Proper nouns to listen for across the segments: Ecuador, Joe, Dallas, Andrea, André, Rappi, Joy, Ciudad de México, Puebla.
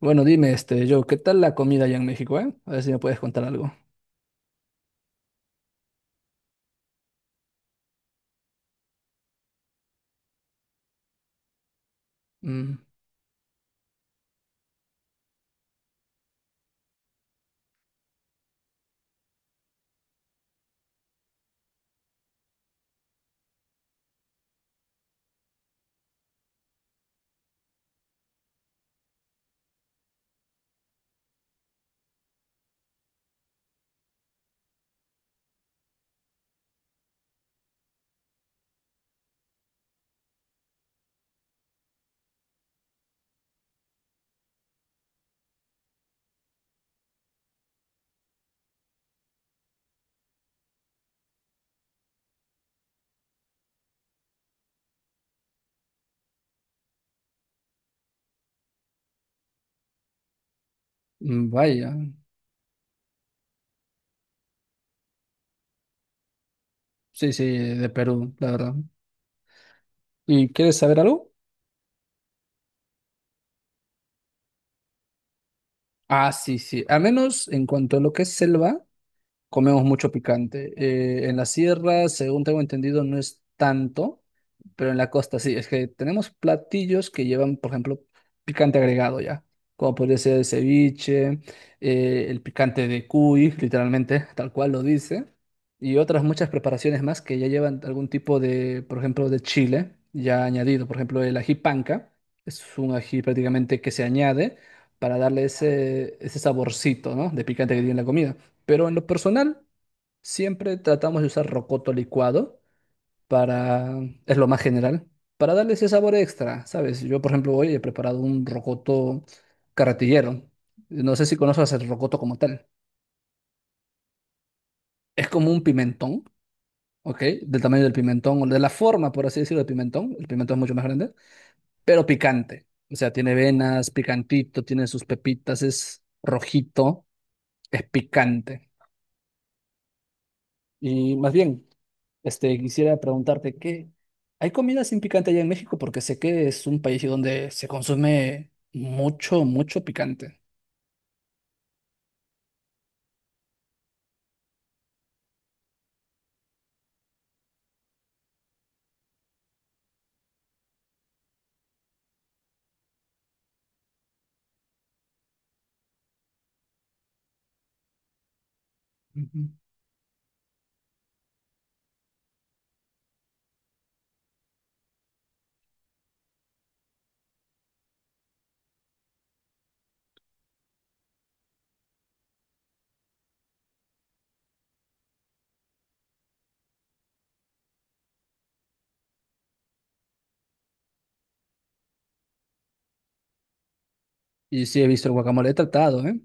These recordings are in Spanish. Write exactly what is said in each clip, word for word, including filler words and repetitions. Bueno, dime, este, Joe, ¿qué tal la comida allá en México, eh? A ver si me puedes contar algo. Mm, mm, vaya. Sí, sí, de Perú, la verdad. ¿Y quieres saber algo? Ah, sí, sí. A menos en cuanto a lo que es selva. Comemos mucho picante. Eh, en la sierra, según tengo entendido, no es tanto, pero en la costa sí. Es que tenemos platillos que llevan, por ejemplo, picante agregado ya, como podría ser el ceviche, eh, el picante de cuy, literalmente, tal cual lo dice, y otras muchas preparaciones más que ya llevan algún tipo de, por ejemplo, de chile ya añadido. Por ejemplo, el ají panca es un ají prácticamente que se añade para darle ese, ese saborcito, ¿no? De picante que tiene la comida. Pero en lo personal, siempre tratamos de usar rocoto licuado para, es lo más general, para darle ese sabor extra, ¿sabes? Yo, por ejemplo, hoy he preparado un rocoto carretillero. No sé si conoces el rocoto como tal. Es como un pimentón, ¿ok? Del tamaño del pimentón, o de la forma, por así decirlo, del pimentón. El pimentón es mucho más grande, pero picante. O sea, tiene venas, picantito, tiene sus pepitas, es rojito, es picante. Y más bien, este, quisiera preguntarte que ¿hay comida sin picante allá en México? Porque sé que es un país donde se consume mucho, mucho picante. Ujú. Y sí he visto el guacamole tratado, ¿eh?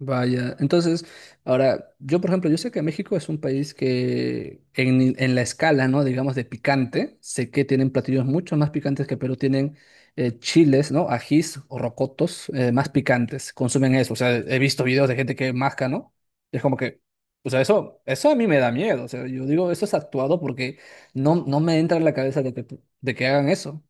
Vaya, entonces, ahora, yo por ejemplo, yo sé que México es un país que en, en la escala, ¿no? Digamos de picante, sé que tienen platillos mucho más picantes que Perú, tienen eh, chiles, ¿no? Ajís o rocotos, eh, más picantes, consumen eso, o sea, he visto videos de gente que masca, ¿no? Y es como que, o sea, eso, eso a mí me da miedo, o sea, yo digo, eso es actuado porque no, no me entra en la cabeza de que, de que hagan eso.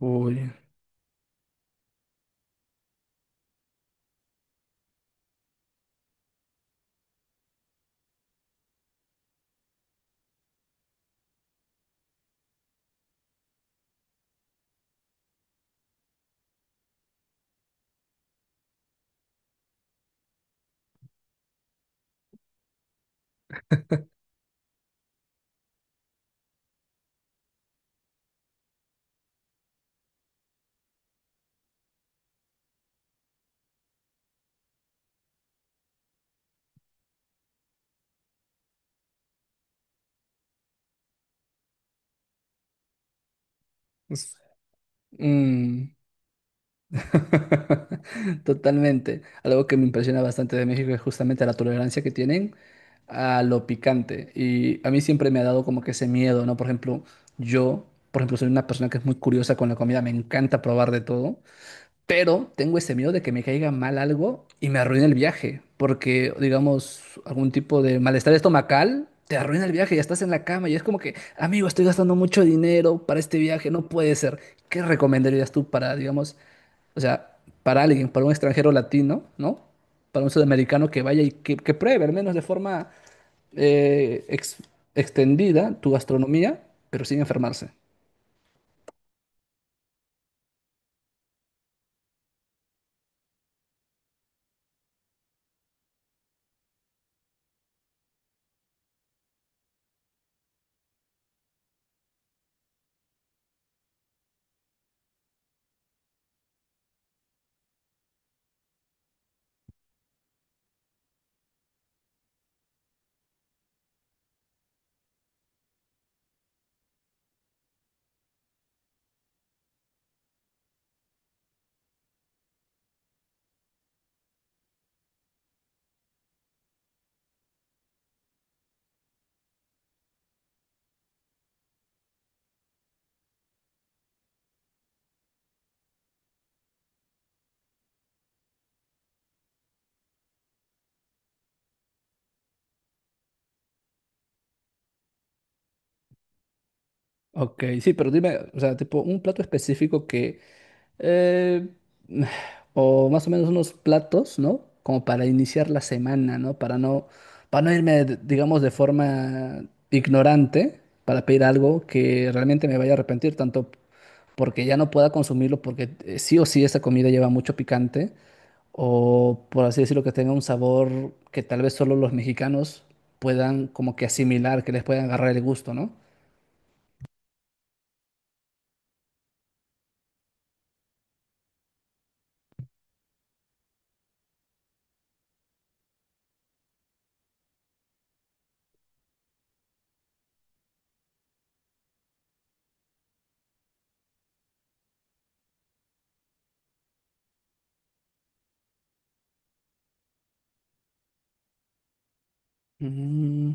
Uy. es- mm. Totalmente. Algo que me impresiona bastante de México es justamente la tolerancia que tienen a lo picante. Y a mí siempre me ha dado como que ese miedo, ¿no? Por ejemplo, yo, por ejemplo, soy una persona que es muy curiosa con la comida, me encanta probar de todo, pero tengo ese miedo de que me caiga mal algo y me arruine el viaje, porque, digamos, algún tipo de malestar estomacal. Te arruina el viaje, ya estás en la cama y es como que, amigo, estoy gastando mucho dinero para este viaje, no puede ser. ¿Qué recomendarías tú para, digamos, o sea, para alguien, para un extranjero latino, ¿no? Para un sudamericano que vaya y que, que pruebe, al menos de forma eh, ex- extendida, tu gastronomía, pero sin enfermarse. Ok, sí, pero dime, o sea, tipo un plato específico que, eh, o más o menos unos platos, ¿no? Como para iniciar la semana, ¿no? Para no, para no irme, d- digamos, de forma ignorante, para pedir algo que realmente me vaya a arrepentir, tanto porque ya no pueda consumirlo, porque eh, sí o sí esa comida lleva mucho picante, o por así decirlo, que tenga un sabor que tal vez solo los mexicanos puedan como que asimilar, que les puedan agarrar el gusto, ¿no? Mm.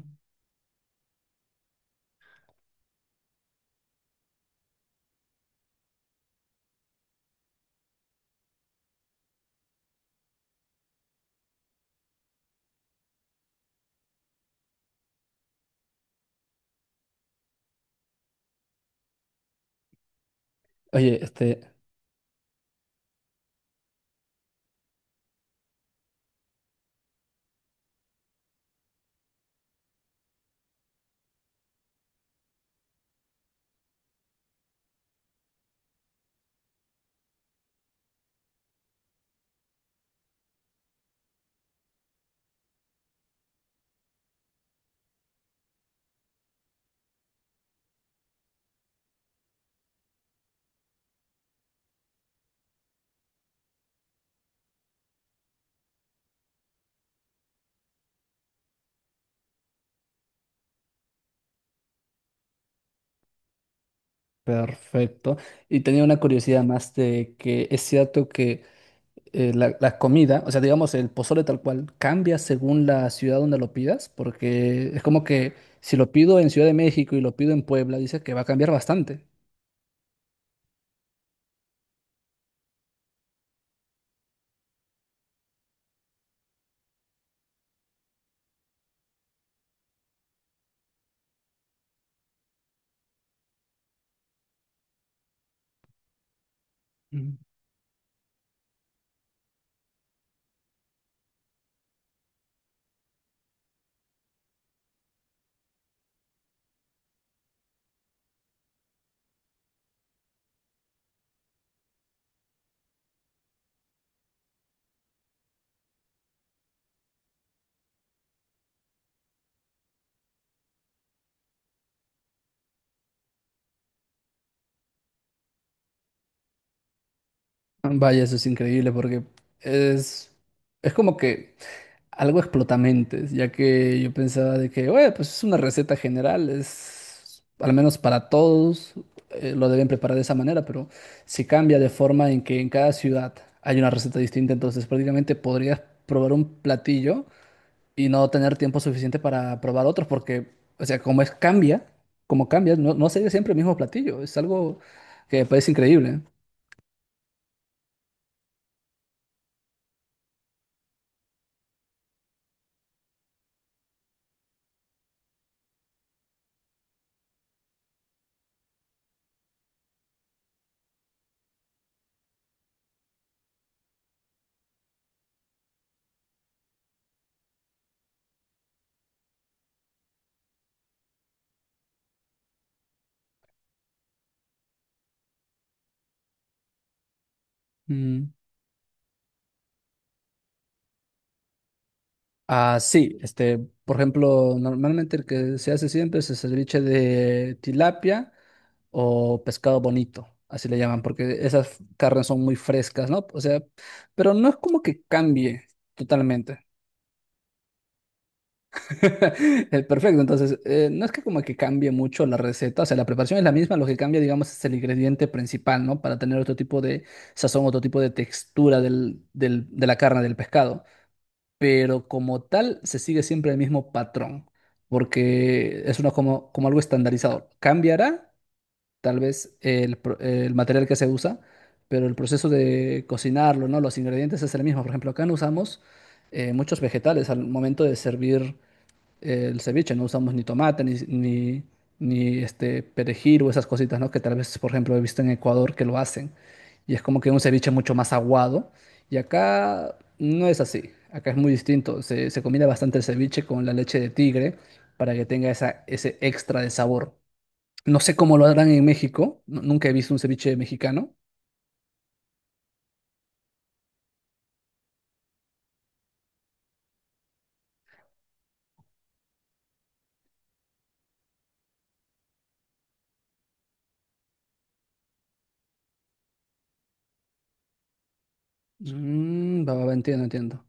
Oye, este, perfecto. Y tenía una curiosidad más de que es cierto que eh, la, la comida, o sea, digamos, el pozole tal cual, cambia según la ciudad donde lo pidas, porque es como que si lo pido en Ciudad de México y lo pido en Puebla, dice que va a cambiar bastante. Mm. Vaya, eso es increíble porque es, es como que algo explotamentes, ya que yo pensaba de que, oye, pues es una receta general, es al menos para todos, eh, lo deben preparar de esa manera, pero si cambia de forma en que en cada ciudad hay una receta distinta, entonces prácticamente podrías probar un platillo y no tener tiempo suficiente para probar otros, porque, o sea, como es cambia, como cambia, no, no sería siempre el mismo platillo, es algo que me parece increíble, ¿eh? Mm. Ah, sí, este, por ejemplo, normalmente el que se hace siempre es el ceviche de tilapia o pescado bonito, así le llaman, porque esas carnes son muy frescas, ¿no? O sea, pero no es como que cambie totalmente. Eh, Perfecto, entonces, eh, no es que como que cambie mucho la receta, o sea, la preparación es la misma, lo que cambia, digamos, es el ingrediente principal, ¿no? Para tener otro tipo de sazón, otro tipo de textura del, del- de la carne, del pescado. Pero como tal se sigue siempre el mismo patrón, porque es uno como, como algo estandarizado. Cambiará tal vez el, pro- el material que se usa, pero el proceso de cocinarlo, ¿no? Los ingredientes es el mismo. Por ejemplo, acá no usamos eh, muchos vegetales al momento de servir el ceviche, no usamos ni tomate, ni, ni, ni, este perejil o esas cositas, ¿no? Que tal vez, por ejemplo, he visto en Ecuador que lo hacen. Y es como que un ceviche mucho más aguado. Y acá no es así. Acá es muy distinto. Se, se combina bastante el ceviche con la leche de tigre para que tenga esa, ese extra de sabor. No sé cómo lo harán en México. nu- Nunca he visto un ceviche mexicano. Mm, va, va, va, entiendo, entiendo.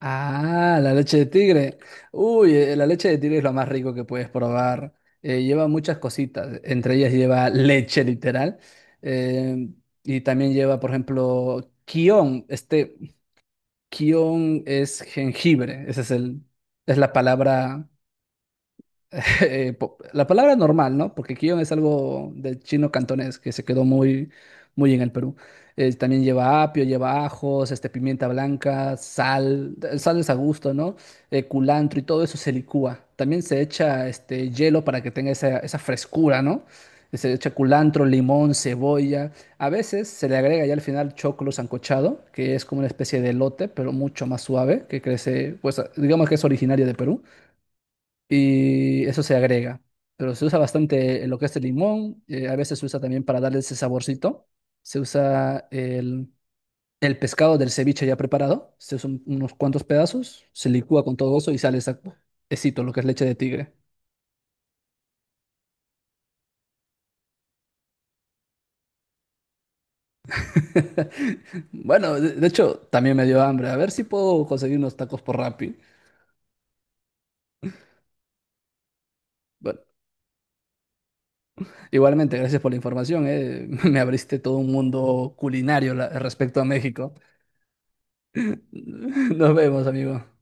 Ah, la leche de tigre. Uy, eh, la leche de tigre es lo más rico que puedes probar. Eh, lleva muchas cositas, entre ellas lleva leche literal. eh, y también lleva, por ejemplo, kion. Este kion es jengibre, esa es el, es la palabra eh, po- la palabra normal, ¿no? Porque kion es algo del chino cantonés que se quedó muy, muy en el Perú. Eh, también lleva apio, lleva ajos, este, pimienta blanca, sal, eh, sal es a gusto, ¿no? Eh, culantro y todo eso se licúa. También se echa este, hielo para que tenga esa, esa frescura, ¿no? Se echa culantro, limón, cebolla. A veces se le agrega ya al final choclo sancochado, que es como una especie de elote, pero mucho más suave, que crece, pues digamos que es originario de Perú y eso se agrega. Pero se usa bastante eh, lo que es el limón, eh, a veces se usa también para darle ese saborcito. Se usa el, el pescado del ceviche ya preparado, se usan unos cuantos pedazos, se licúa con todo eso y sale esa, esito, lo que es leche de tigre. Bueno, de, de hecho, también me dio hambre. A ver si puedo conseguir unos tacos por Rappi. Bueno, igualmente, gracias por la información, eh. Me abriste todo un mundo culinario la- respecto a México. Nos vemos, amigo.